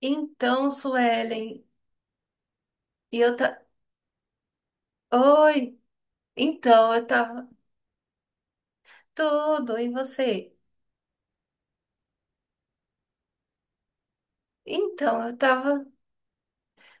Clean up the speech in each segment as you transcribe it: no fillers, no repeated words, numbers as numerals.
Então, Suelen, e eu tá. Oi! Então, eu tava. Tudo, e você? Então, eu tava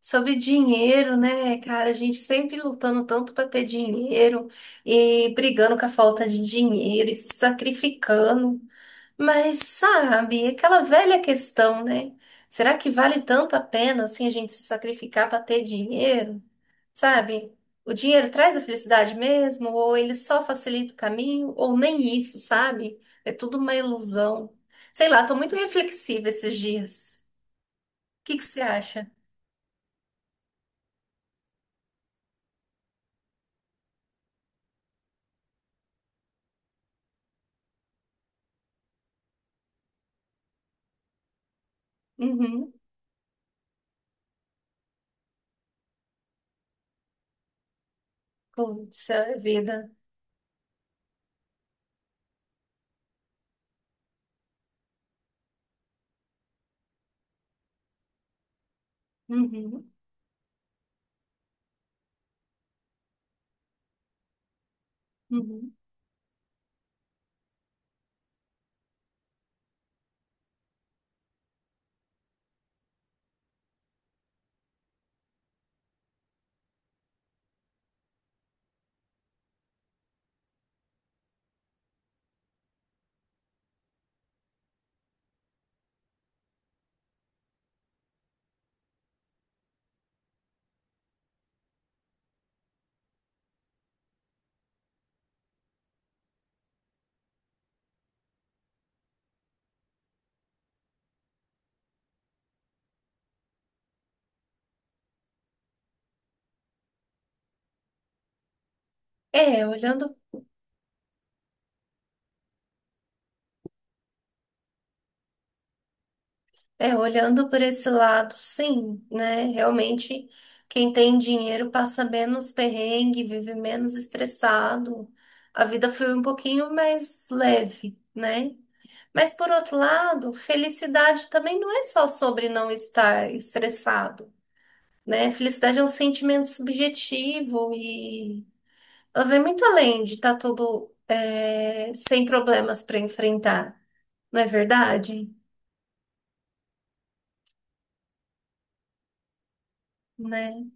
sobre dinheiro, né, cara? A gente sempre lutando tanto para ter dinheiro e brigando com a falta de dinheiro e se sacrificando. Mas sabe, aquela velha questão, né? Será que vale tanto a pena assim a gente se sacrificar para ter dinheiro? Sabe? O dinheiro traz a felicidade mesmo, ou ele só facilita o caminho, ou nem isso, sabe? É tudo uma ilusão. Sei lá, tô muito reflexiva esses dias. O que que você acha? Uhum. Puxa vida. Uhum. Uhum. É, olhando É, olhando por esse lado, sim, né? Realmente, quem tem dinheiro passa menos perrengue, vive menos estressado. A vida foi um pouquinho mais leve, né? Mas por outro lado, felicidade também não é só sobre não estar estressado, né? Felicidade é um sentimento subjetivo e ela vai muito além de estar tudo sem problemas para enfrentar, não é verdade? Né?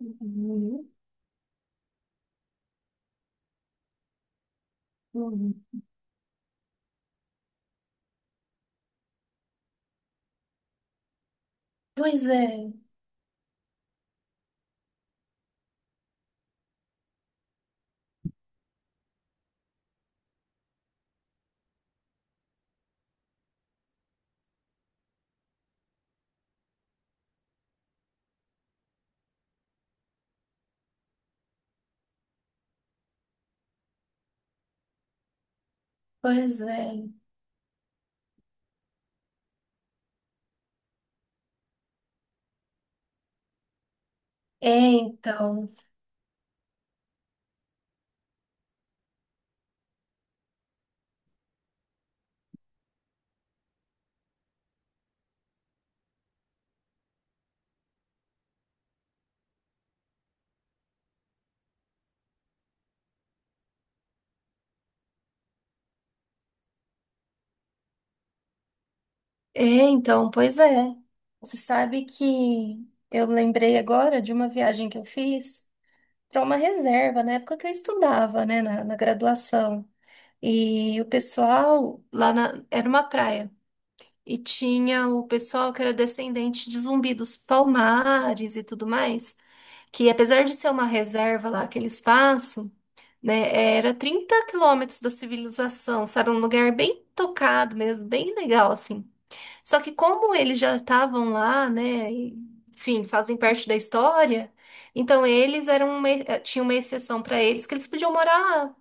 Uhum. Uhum. Pois é, pois é. É, então. É, então, pois é. Você sabe que eu lembrei agora de uma viagem que eu fiz para uma reserva, na época que eu estudava, né, na graduação. E o pessoal lá na, era uma praia. E tinha o pessoal que era descendente de Zumbi dos Palmares e tudo mais, que apesar de ser uma reserva lá, aquele espaço. Né? Era 30 km da civilização, sabe? Um lugar bem tocado mesmo, bem legal, assim. Só que como eles já estavam lá, né? E, enfim, fazem parte da história, então eles eram uma, tinha uma exceção para eles que eles podiam morar,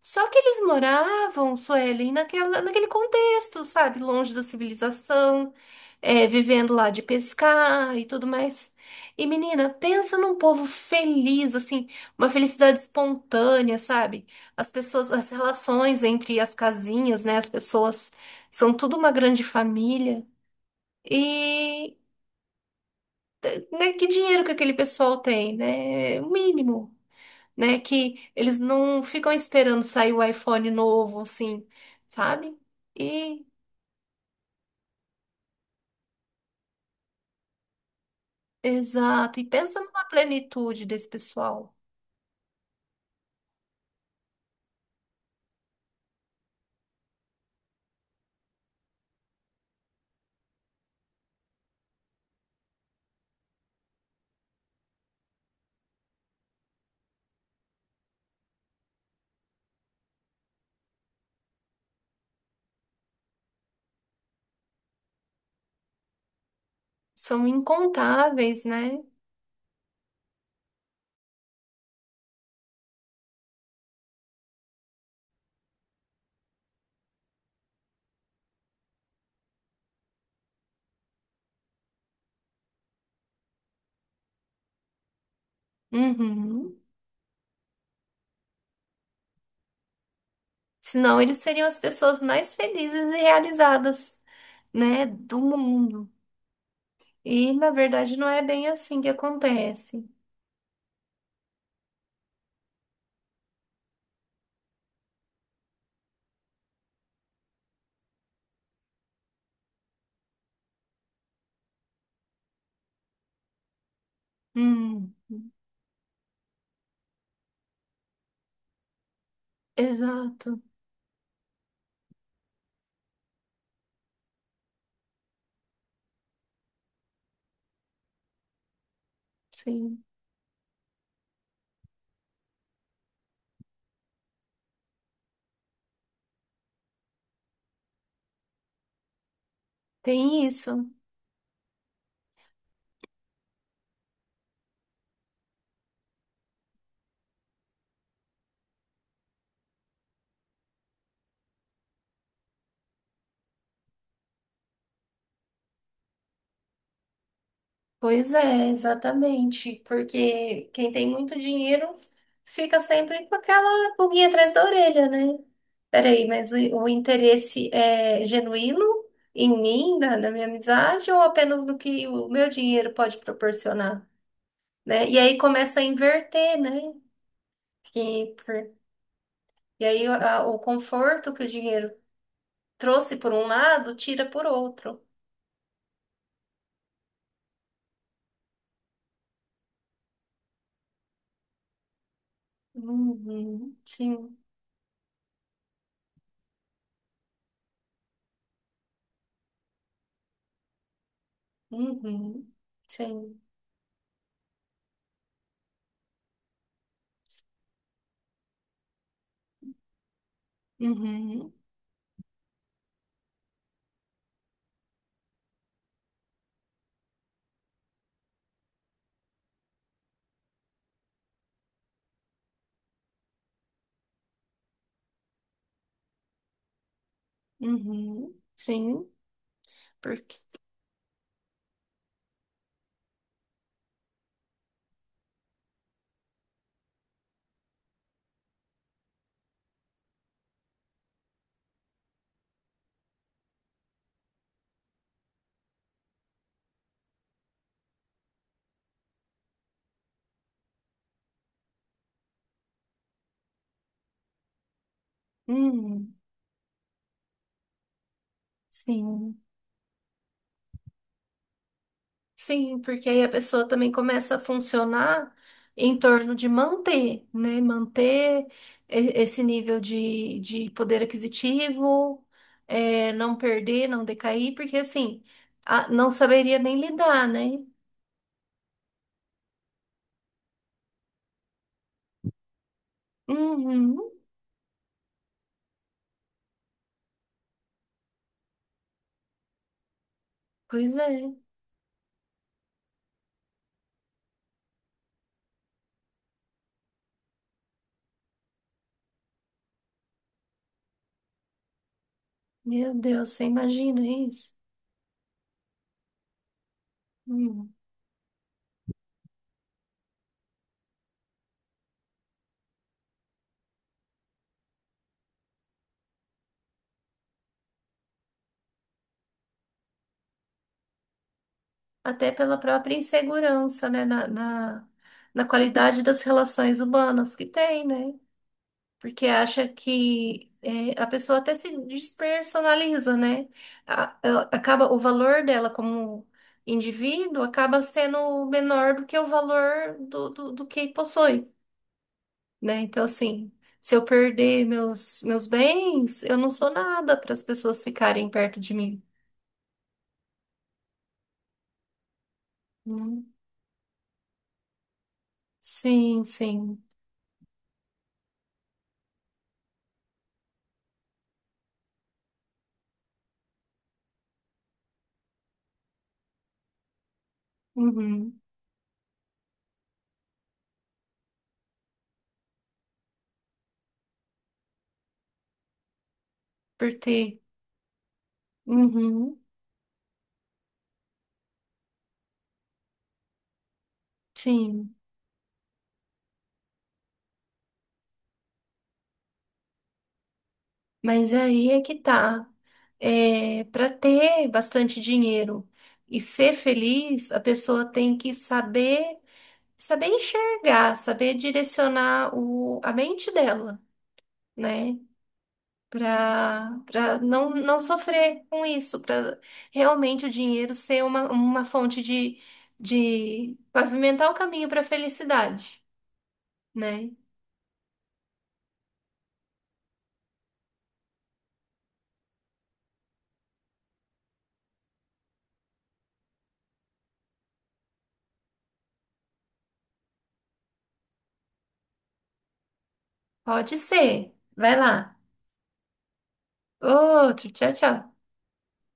só que eles moravam, Suelen, naquela, naquele contexto, sabe? Longe da civilização, é, vivendo lá de pescar e tudo mais. E, menina, pensa num povo feliz, assim, uma felicidade espontânea, sabe? As pessoas, as relações entre as casinhas, né? As pessoas são tudo uma grande família. E, né, que dinheiro que aquele pessoal tem, né? O mínimo, né? Que eles não ficam esperando sair o iPhone novo, assim, sabe? E, exato. E pensa numa plenitude desse pessoal. São incontáveis, né? Uhum. Senão eles seriam as pessoas mais felizes e realizadas, né? Do mundo. E, na verdade, não é bem assim que acontece. Hum, exato. Sim. Tem isso. Pois é, exatamente. Porque quem tem muito dinheiro fica sempre com aquela pulguinha atrás da orelha, né? Peraí, mas o interesse é genuíno em mim, na minha amizade, ou apenas no que o meu dinheiro pode proporcionar, né? E aí começa a inverter, né? Que, por- e aí a- o conforto que o dinheiro trouxe por um lado, tira por outro. Uhum, sim. Uhum, sim. Uhum. Uhum. Sim, porque. Uhum. Sim. Sim, porque aí a pessoa também começa a funcionar em torno de manter, né? Manter e- esse nível de poder aquisitivo, é, não perder, não decair, porque assim, a- não saberia nem lidar, né? Uhum. Pois é. Meu Deus, você imagina isso? Uhum. Até pela própria insegurança, né, na, na, na qualidade das relações humanas que tem, né? Porque acha que é, a pessoa até se despersonaliza, né? A- ela acaba o valor dela como indivíduo acaba sendo menor do que o valor do, do, do que possui, né? Então, assim, se eu perder meus, meus bens, eu não sou nada para as pessoas ficarem perto de mim, né? Sim, sim. Uhum. Por ter. Uhum, sim. Mas aí é que tá. É, para ter bastante dinheiro e ser feliz, a pessoa tem que saber, saber enxergar, saber direcionar o, a mente dela, né? Para para não, não sofrer com isso, para realmente o dinheiro ser uma fonte de pavimentar o caminho para a felicidade, né? Pode ser. Vai lá. Outro, tchau, tchau.